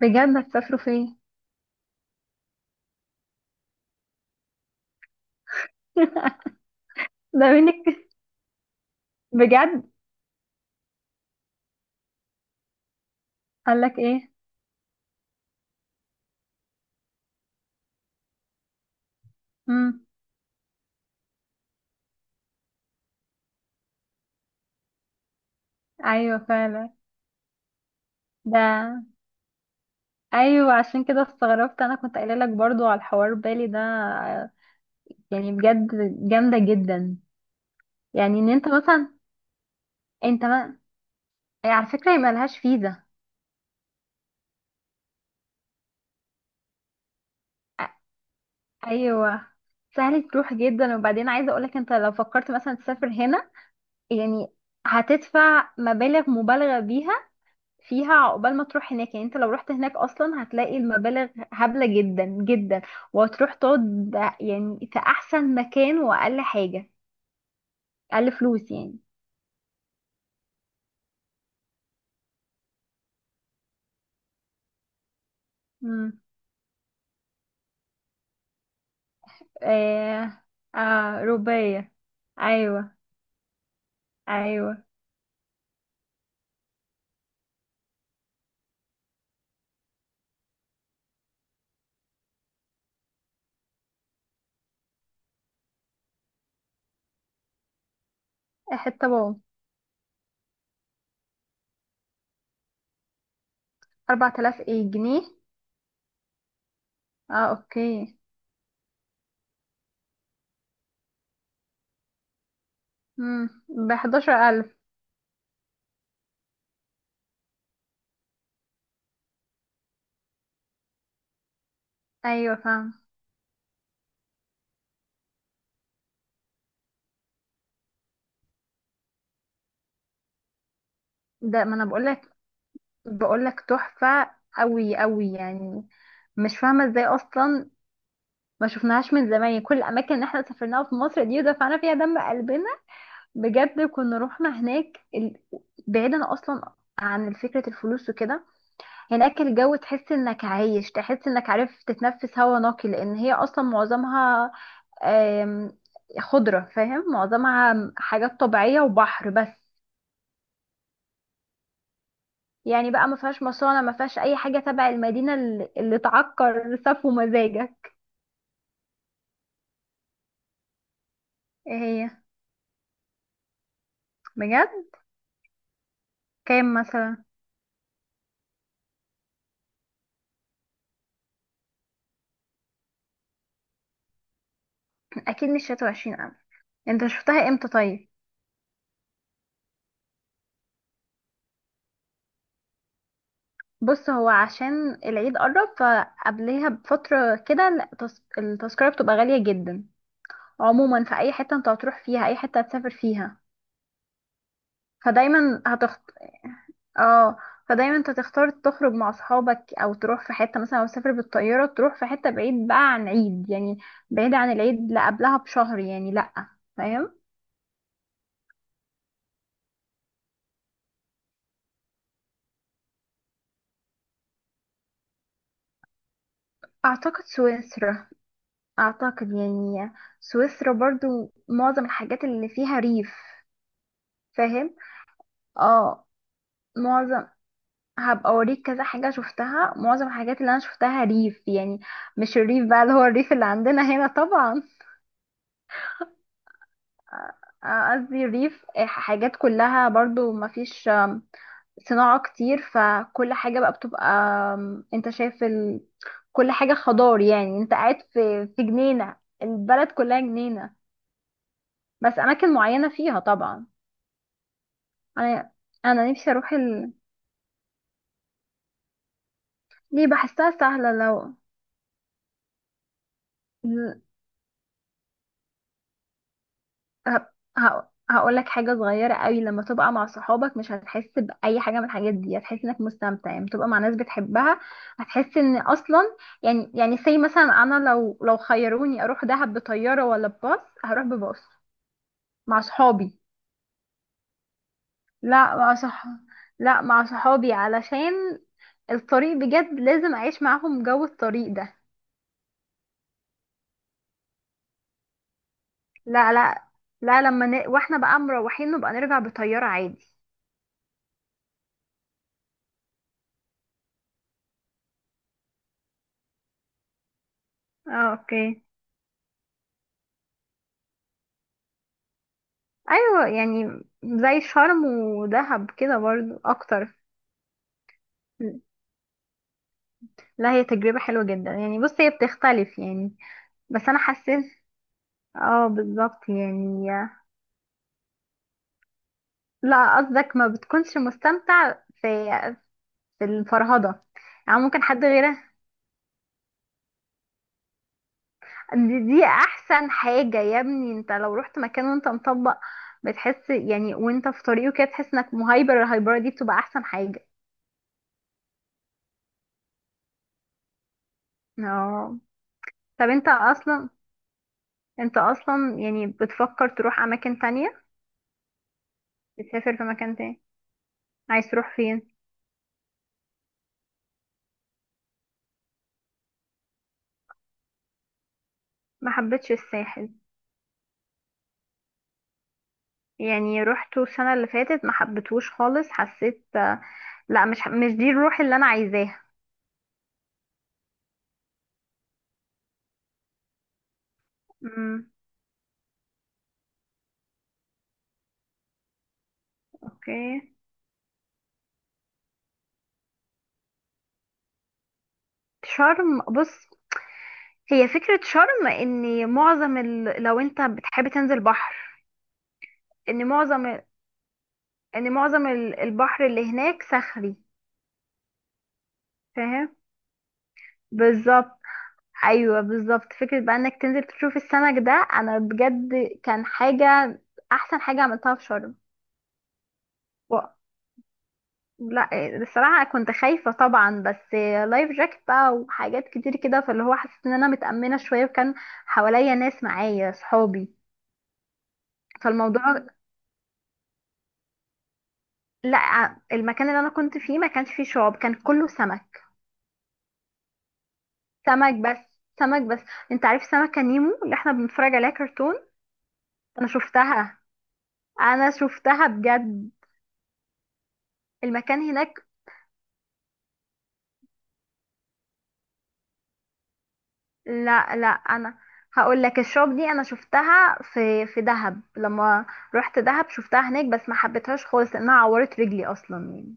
بجد هتسافروا فين؟ ده منك؟ بجد؟ قال لك ايه؟ امم. ايوه فعلا. ده. ايوه عشان كده استغربت، انا كنت قايله لك برضو على الحوار بالي ده، يعني بجد جامده جدا. يعني ان انت مثلا انت ما... على فكره هي ملهاش فيزا. أ- ايوه. سهل تروح جدا، وبعدين عايزه اقولك انت لو فكرت مثلا تسافر هنا، يعني هتدفع مبالغ مبالغه بيها فيها عقبال ما تروح هناك، يعني انت لو رحت هناك اصلا هتلاقي المبالغ هبلة جدا جدا، وهتروح تقعد يعني في احسن مكان واقل حاجة اقل فلوس يعني. امم. آه. آه رباية. ايوه. ايوه. حتة بوم. 4000 ايه، جنيه؟ اه، اوكي. امم، ب 11000. ايوه فاهم. ده ما انا بقول لك، بقول لك تحفة قوي قوي يعني. مش فاهمة ازاي اصلا ما شفناهاش من زمان يعني. كل الاماكن اللي احنا سافرناها في مصر دي ودفعنا فيها دم قلبنا. بجد كنا رحنا هناك بعيدا اصلا عن فكرة الفلوس وكده. هناك الجو تحس انك عايش، تحس انك عارف تتنفس هوا نقي لان هي اصلا معظمها آم، خضرة. فاهم؟ معظمها حاجات طبيعية وبحر بس. يعني بقى ما فيهاش مصانع، ما فيهاش اي حاجة تبع المدينة اللي تعكر سفو مزاجك. ايه؟ هي. بجد. كام مثلا؟ اكيد مش 23. انت شفتها امتى طيب؟ بص هو عشان العيد قرب، فقبليها بفترة كده التذكرة بتبقى غالية جدا. عموما في اي حتة انت هتروح فيها، اي حتة هتسافر فيها، فدايما هتخت. اه. فدايما انت تختار تخرج مع اصحابك او تروح في حتة، مثلا لو تسافر بالطيارة تروح في حتة بعيد بقى عن عيد يعني. بعيد عن العيد، لا قبلها بشهر يعني، لا. فاهم. اعتقد سويسرا، اعتقد يعني. سويسرا برضو معظم الحاجات اللي فيها ريف. فاهم. اه. معظم. هبقى اوريك كذا حاجة شفتها. معظم الحاجات اللي انا شفتها ريف يعني، مش الريف بقى اللي هو الريف اللي عندنا هنا طبعا. قصدي الريف. حاجات كلها برضو مفيش صناعة كتير، فكل حاجة بقى بتبقى انت شايف كل حاجة خضار يعني. انت قاعد في جنينة. البلد كلها جنينة، بس اماكن معينة فيها طبعا. انا انا نفسي اروح ليه؟ بحسها سهلة لو. ه- هقولك حاجة صغيرة قوي: لما تبقى مع صحابك مش هتحس بأي حاجة من الحاجات دي، هتحس انك مستمتع يعني تبقى مع ناس بتحبها، هتحس ان اصلا يعني. يعني سي مثلا انا لو خيروني اروح دهب بطيارة ولا بباص، هروح بباص مع صحابي. لا مع صح. لا مع صحابي علشان الطريق بجد، لازم اعيش معاهم جو الطريق ده. لا، لا. لا واحنا بقى مروحين نبقى نرجع بطيارة عادي. اه، اوكي. ايوه، يعني زي شرم ودهب كده برضو اكتر. لا، هي تجربة حلوة جدا يعني. بص هي بتختلف يعني. بس انا حسيت. اه، بالظبط يعني. لا قصدك ما بتكونش مستمتع في في الفرهدة؟ يعني ممكن حد غيرها. دي احسن حاجة يا ابني. انت لو رحت مكان وانت مطبق بتحس يعني وانت في طريقه كده، تحس انك مهايبر، الهايبرة دي بتبقى احسن حاجة. اه. طب انت اصلا، انت اصلا يعني بتفكر تروح اماكن تانية؟ بتسافر في مكان تاني؟ عايز تروح فين؟ ما حبيتش الساحل. يعني روحته السنة اللي فاتت ما حبيتهوش خالص، حسيت لا، مش دي الروح اللي انا عايزاها. امم. اوكي. شرم بص، هي فكرة شرم ان معظم لو انت بتحب تنزل بحر، ان معظم ان معظم البحر اللي هناك صخري. فاهم. بالظبط. ايوه بالظبط، فكرة بقى انك تنزل تشوف السمك ده، انا بجد كان حاجة، احسن حاجة عملتها في شرم. لا. الصراحة كنت خايفة طبعا، بس لايف جاكت بقى وحاجات كتير كده، فاللي هو حسيت ان انا متأمنة شوية، وكان حواليا ناس معايا صحابي. فالموضوع. لا المكان اللي انا كنت فيه ما كانش فيه شعاب، كان كله سمك. سمك بس سمك بس. انت عارف سمكة نيمو اللي احنا بنتفرج عليها كرتون؟ انا شفتها. انا شفتها بجد. المكان هناك. لا لا، انا هقول لك الشوب دي انا شفتها في في دهب، لما رحت دهب شفتها هناك بس ما حبيتهاش خالص لانها عورت رجلي اصلا يعني.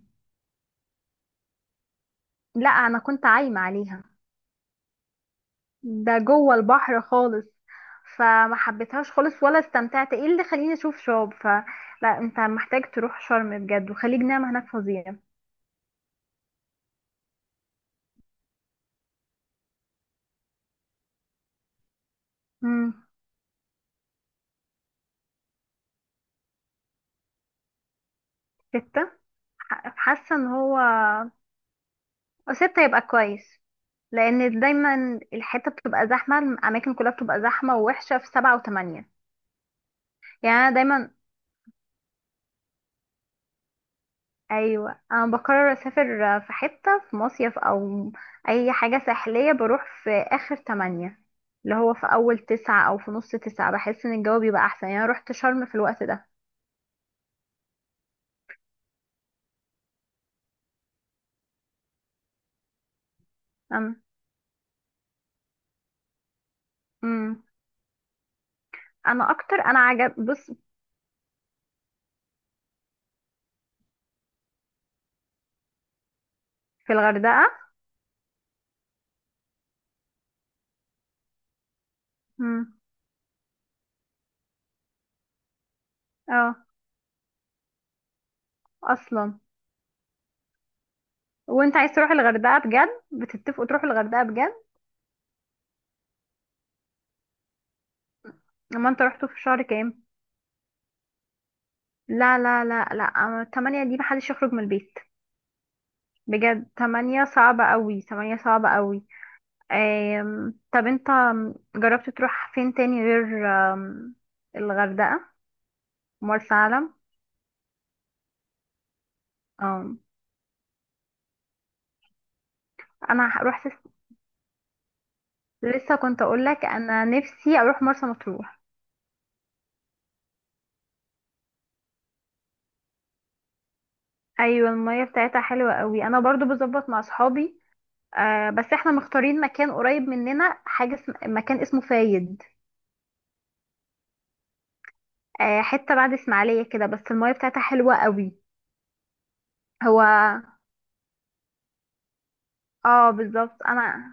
لا انا كنت عايمه عليها. ده جوه البحر خالص. فما حبيتهاش خالص ولا استمتعت. ايه اللي خليني اشوف شوب؟ فلا انت محتاج تروح شرم بجد، وخليج نعمة هناك فظيع. امم. ستة. حاسه ان هو ستة يبقى كويس، لان دايما الحته بتبقى زحمه، الاماكن كلها بتبقى زحمه ووحشه في سبعة وثمانية. يعني انا دايما، ايوه انا بقرر اسافر في حته في مصيف او اي حاجه ساحليه بروح في اخر تمانية اللي هو في اول تسعة او في نص تسعة، بحس ان الجو بيبقى احسن يعني. انا رحت شرم في الوقت ده. أم. أم. انا اكتر انا عجب بص. في الغردقه. أم. اه، اصلا وانت عايز تروح الغردقه بجد؟ بتتفقوا تروحوا الغردقه بجد؟ اما انت رحتوا في شهر كام؟ لا لا لا لا، أما تمانية دي محدش يخرج من البيت. بجد تمانية صعبة قوي، تمانية صعبة قوي. طب انت جربت تروح فين تاني غير أم... الغردقة؟ مرسى علم. أم... روحت. لسه كنت اقول لك انا نفسي اروح مرسى مطروح. ايوه المية بتاعتها حلوة قوي، انا برضو بظبط مع صحابي. أه بس احنا مختارين مكان قريب مننا، حاجة مكان اسمه فايد. أه حتة بعد اسماعيلية كده بس المية بتاعتها حلوة قوي. هو. اه بالظبط. انا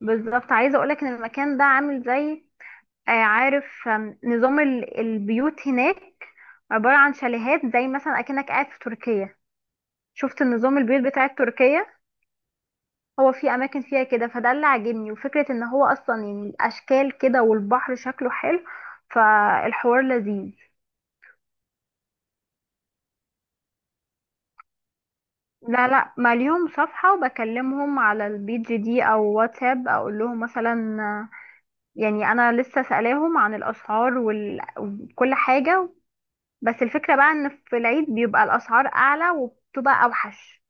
بالظبط عايزه اقولك ان المكان ده عامل زي عارف نظام البيوت هناك عباره عن شاليهات، زي مثلا اكنك قاعد في تركيا. شفت النظام البيوت بتاع تركيا؟ هو في اماكن فيها كده، فده اللي عاجبني. وفكره ان هو اصلا يعني الاشكال كده والبحر شكله حلو، فالحوار لذيذ. لا لا ماليهم صفحه، وبكلمهم على البيج دي او واتساب اقول لهم مثلا. يعني انا لسه سألاهم عن الاسعار وكل حاجة. بس الفكرة بقى ان في العيد بيبقى الاسعار اعلى وبتبقى اوحش،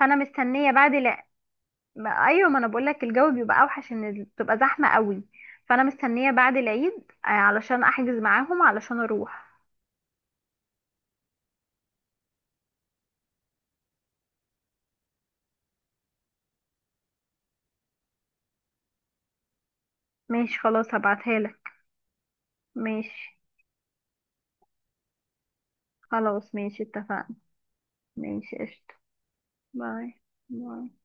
فانا مستنية بعد ايوه، ما انا بقولك الجو بيبقى اوحش، ان بتبقى زحمة قوي، فانا مستنية بعد العيد علشان احجز معاهم علشان اروح. ماشي خلاص، هبعتها لك. ماشي. خلاص ماشي اتفقنا. ماشي قشطة. باي. باي.